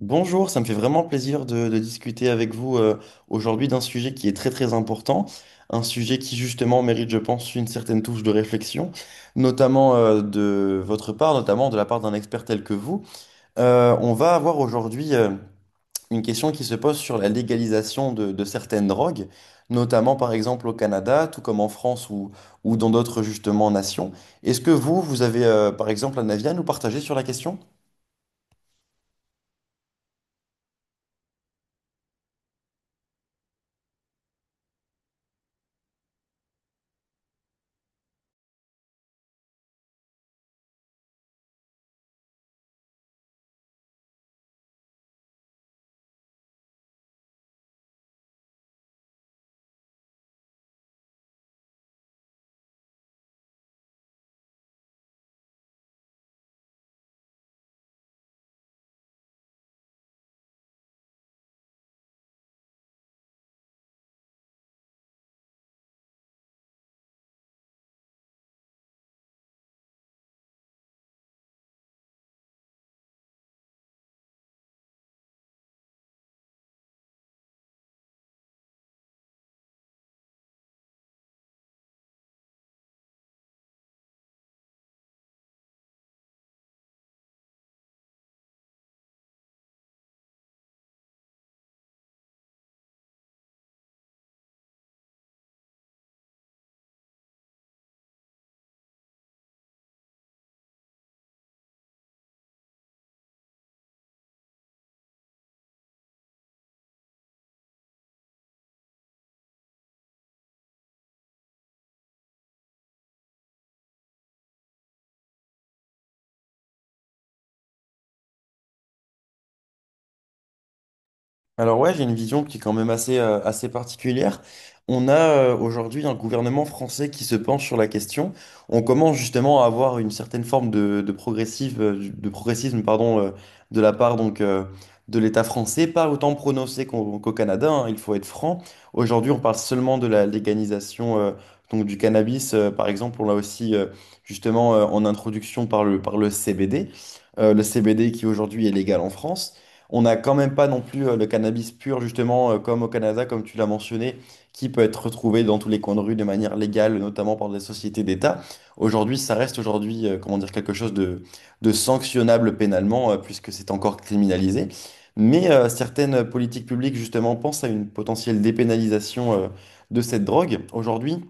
Bonjour, ça me fait vraiment plaisir de discuter avec vous, aujourd'hui d'un sujet qui est très très important, un sujet qui justement mérite, je pense, une certaine touche de réflexion, notamment, de votre part, notamment de la part d'un expert tel que vous. On va avoir aujourd'hui, une question qui se pose sur la légalisation de certaines drogues, notamment par exemple au Canada, tout comme en France ou dans d'autres justement nations. Est-ce que vous avez, par exemple, un avis à nous partager sur la question? Alors ouais, j'ai une vision qui est quand même assez, assez particulière. On a, aujourd'hui un gouvernement français qui se penche sur la question. On commence justement à avoir une certaine forme de progressive, de progressisme pardon, de la part donc, de l'État français, pas autant prononcé qu'au Canada, hein, il faut être franc. Aujourd'hui, on parle seulement de la légalisation, donc du cannabis, par exemple. On l'a aussi, justement, en introduction par le CBD. Le CBD qui aujourd'hui est légal en France. On n'a quand même pas non plus, le cannabis pur, justement, comme au Canada, comme tu l'as mentionné, qui peut être retrouvé dans tous les coins de rue de manière légale, notamment par des sociétés d'État. Aujourd'hui, ça reste aujourd'hui, comment dire, quelque chose de sanctionnable pénalement, puisque c'est encore criminalisé. Mais certaines politiques publiques, justement, pensent à une potentielle dépénalisation, de cette drogue. Aujourd'hui,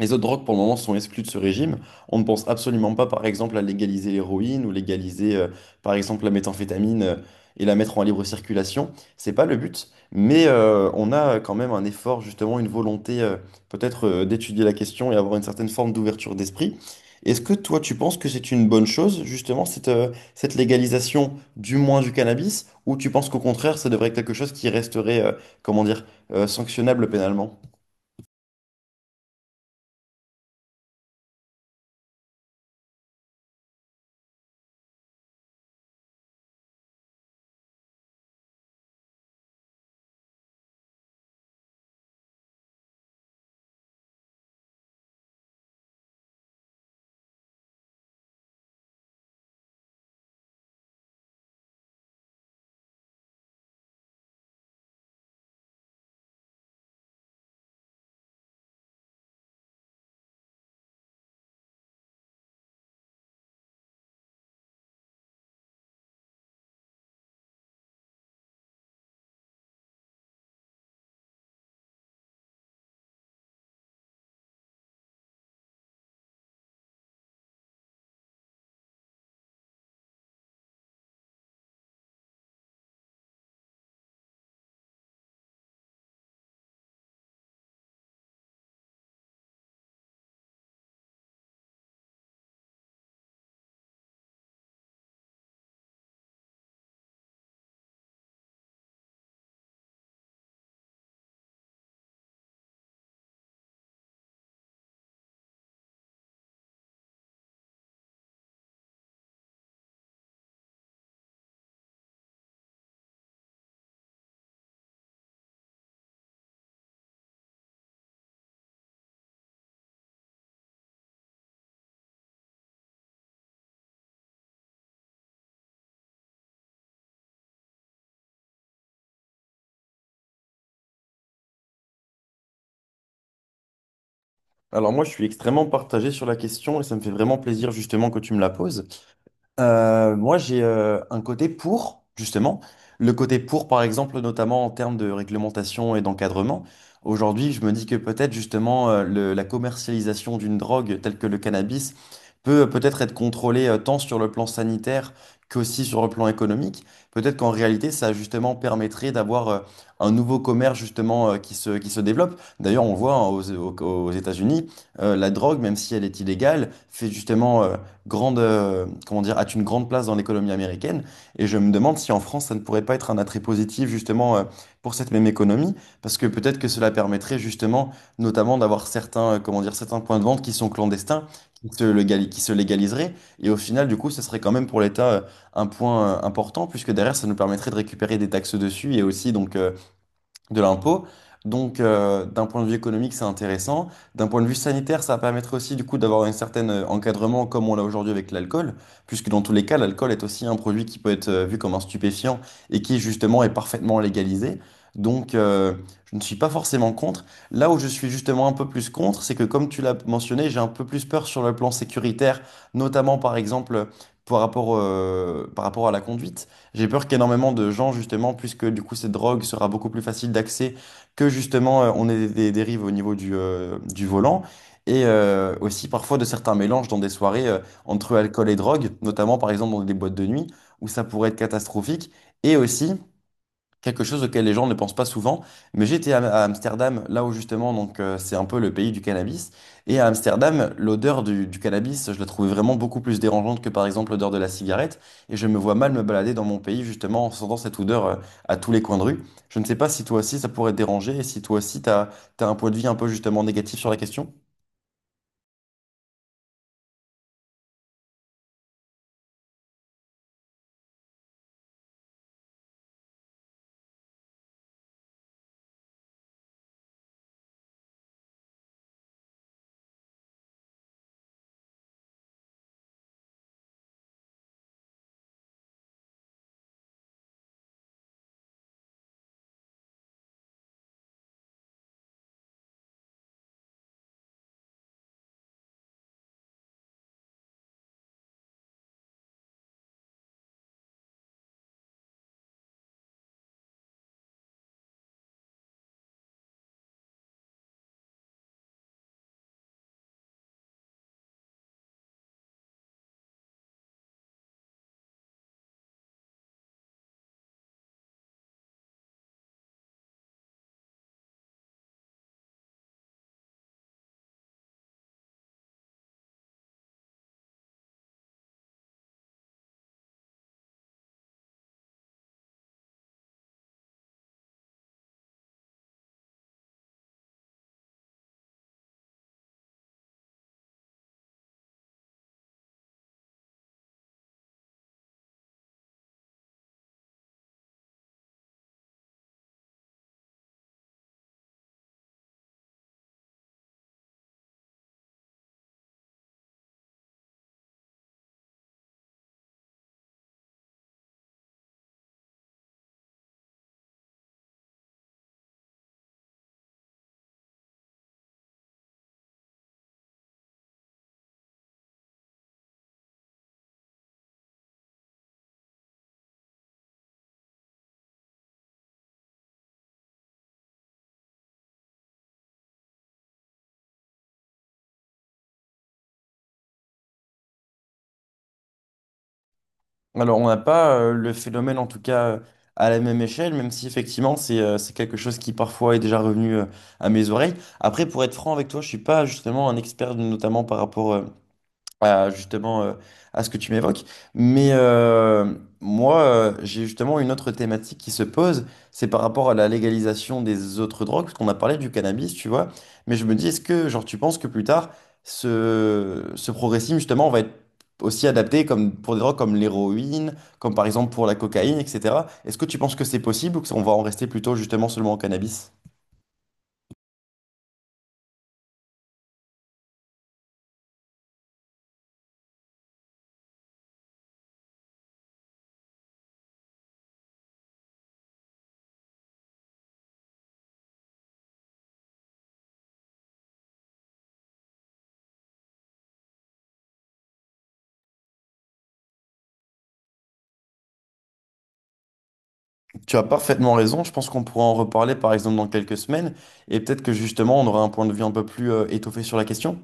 les autres drogues, pour le moment, sont exclues de ce régime. On ne pense absolument pas, par exemple, à légaliser l'héroïne ou légaliser, par exemple, la méthamphétamine, et la mettre en libre circulation. C'est pas le but, mais on a quand même un effort, justement, une volonté, peut-être, d'étudier la question et avoir une certaine forme d'ouverture d'esprit. Est-ce que toi, tu penses que c'est une bonne chose, justement, cette, cette légalisation, du moins du cannabis, ou tu penses qu'au contraire, ça devrait être quelque chose qui resterait, comment dire, sanctionnable pénalement? Alors moi, je suis extrêmement partagé sur la question et ça me fait vraiment plaisir justement que tu me la poses. Moi, j'ai, un côté pour, justement. Le côté pour, par exemple, notamment en termes de réglementation et d'encadrement. Aujourd'hui, je me dis que peut-être, justement, la commercialisation d'une drogue telle que le cannabis peut, peut-être être contrôlée, tant sur le plan sanitaire qu'aussi sur le plan économique. Peut-être qu'en réalité, ça, justement, permettrait d'avoir, un nouveau commerce, justement, qui se développe. D'ailleurs, on voit hein, aux États-Unis, la drogue, même si elle est illégale, fait justement, grande, comment dire, a une grande place dans l'économie américaine. Et je me demande si en France, ça ne pourrait pas être un attrait positif justement, pour cette même économie, parce que peut-être que cela permettrait justement, notamment, d'avoir certains, comment dire, certains points de vente qui sont clandestins, qui se légaliseraient. Et au final, du coup, ce serait quand même pour l'État, un point, important, puisque derrière, ça nous permettrait de récupérer des taxes dessus et aussi donc, de l'impôt. Donc, d'un point de vue économique, c'est intéressant. D'un point de vue sanitaire, ça va permettre aussi, du coup, d'avoir un certain encadrement comme on l'a aujourd'hui avec l'alcool, puisque dans tous les cas, l'alcool est aussi un produit qui peut être vu comme un stupéfiant et qui, justement, est parfaitement légalisé. Donc, je ne suis pas forcément contre. Là où je suis justement un peu plus contre, c'est que, comme tu l'as mentionné, j'ai un peu plus peur sur le plan sécuritaire, notamment, par exemple, par rapport à la conduite. J'ai peur qu'énormément de gens, justement, puisque du coup cette drogue sera beaucoup plus facile d'accès, que justement on ait des dérives au niveau du volant, et aussi parfois de certains mélanges dans des soirées entre alcool et drogue, notamment par exemple dans des boîtes de nuit, où ça pourrait être catastrophique, et aussi quelque chose auquel les gens ne pensent pas souvent. Mais j'étais à Amsterdam, là où justement, donc c'est un peu le pays du cannabis. Et à Amsterdam, l'odeur du cannabis, je la trouvais vraiment beaucoup plus dérangeante que par exemple l'odeur de la cigarette. Et je me vois mal me balader dans mon pays justement en sentant cette odeur, à tous les coins de rue. Je ne sais pas si toi aussi ça pourrait te déranger et si toi aussi t'as un point de vue un peu justement négatif sur la question. Alors, on n'a pas, le phénomène, en tout cas, à la même échelle, même si effectivement, c'est quelque chose qui parfois est déjà revenu, à mes oreilles. Après, pour être franc avec toi, je suis pas justement un expert, notamment par rapport, justement, à ce que tu m'évoques. Mais moi, j'ai justement une autre thématique qui se pose, c'est par rapport à la légalisation des autres drogues, parce qu'on a parlé du cannabis, tu vois. Mais je me dis, est-ce que, genre, tu penses que plus tard, ce progressisme, justement, va être aussi adapté comme pour des drogues comme l'héroïne, comme par exemple pour la cocaïne, etc. Est-ce que tu penses que c'est possible ou qu'on va en rester plutôt justement seulement au cannabis? Tu as parfaitement raison. Je pense qu'on pourra en reparler, par exemple, dans quelques semaines. Et peut-être que justement, on aura un point de vue un peu plus, étoffé sur la question.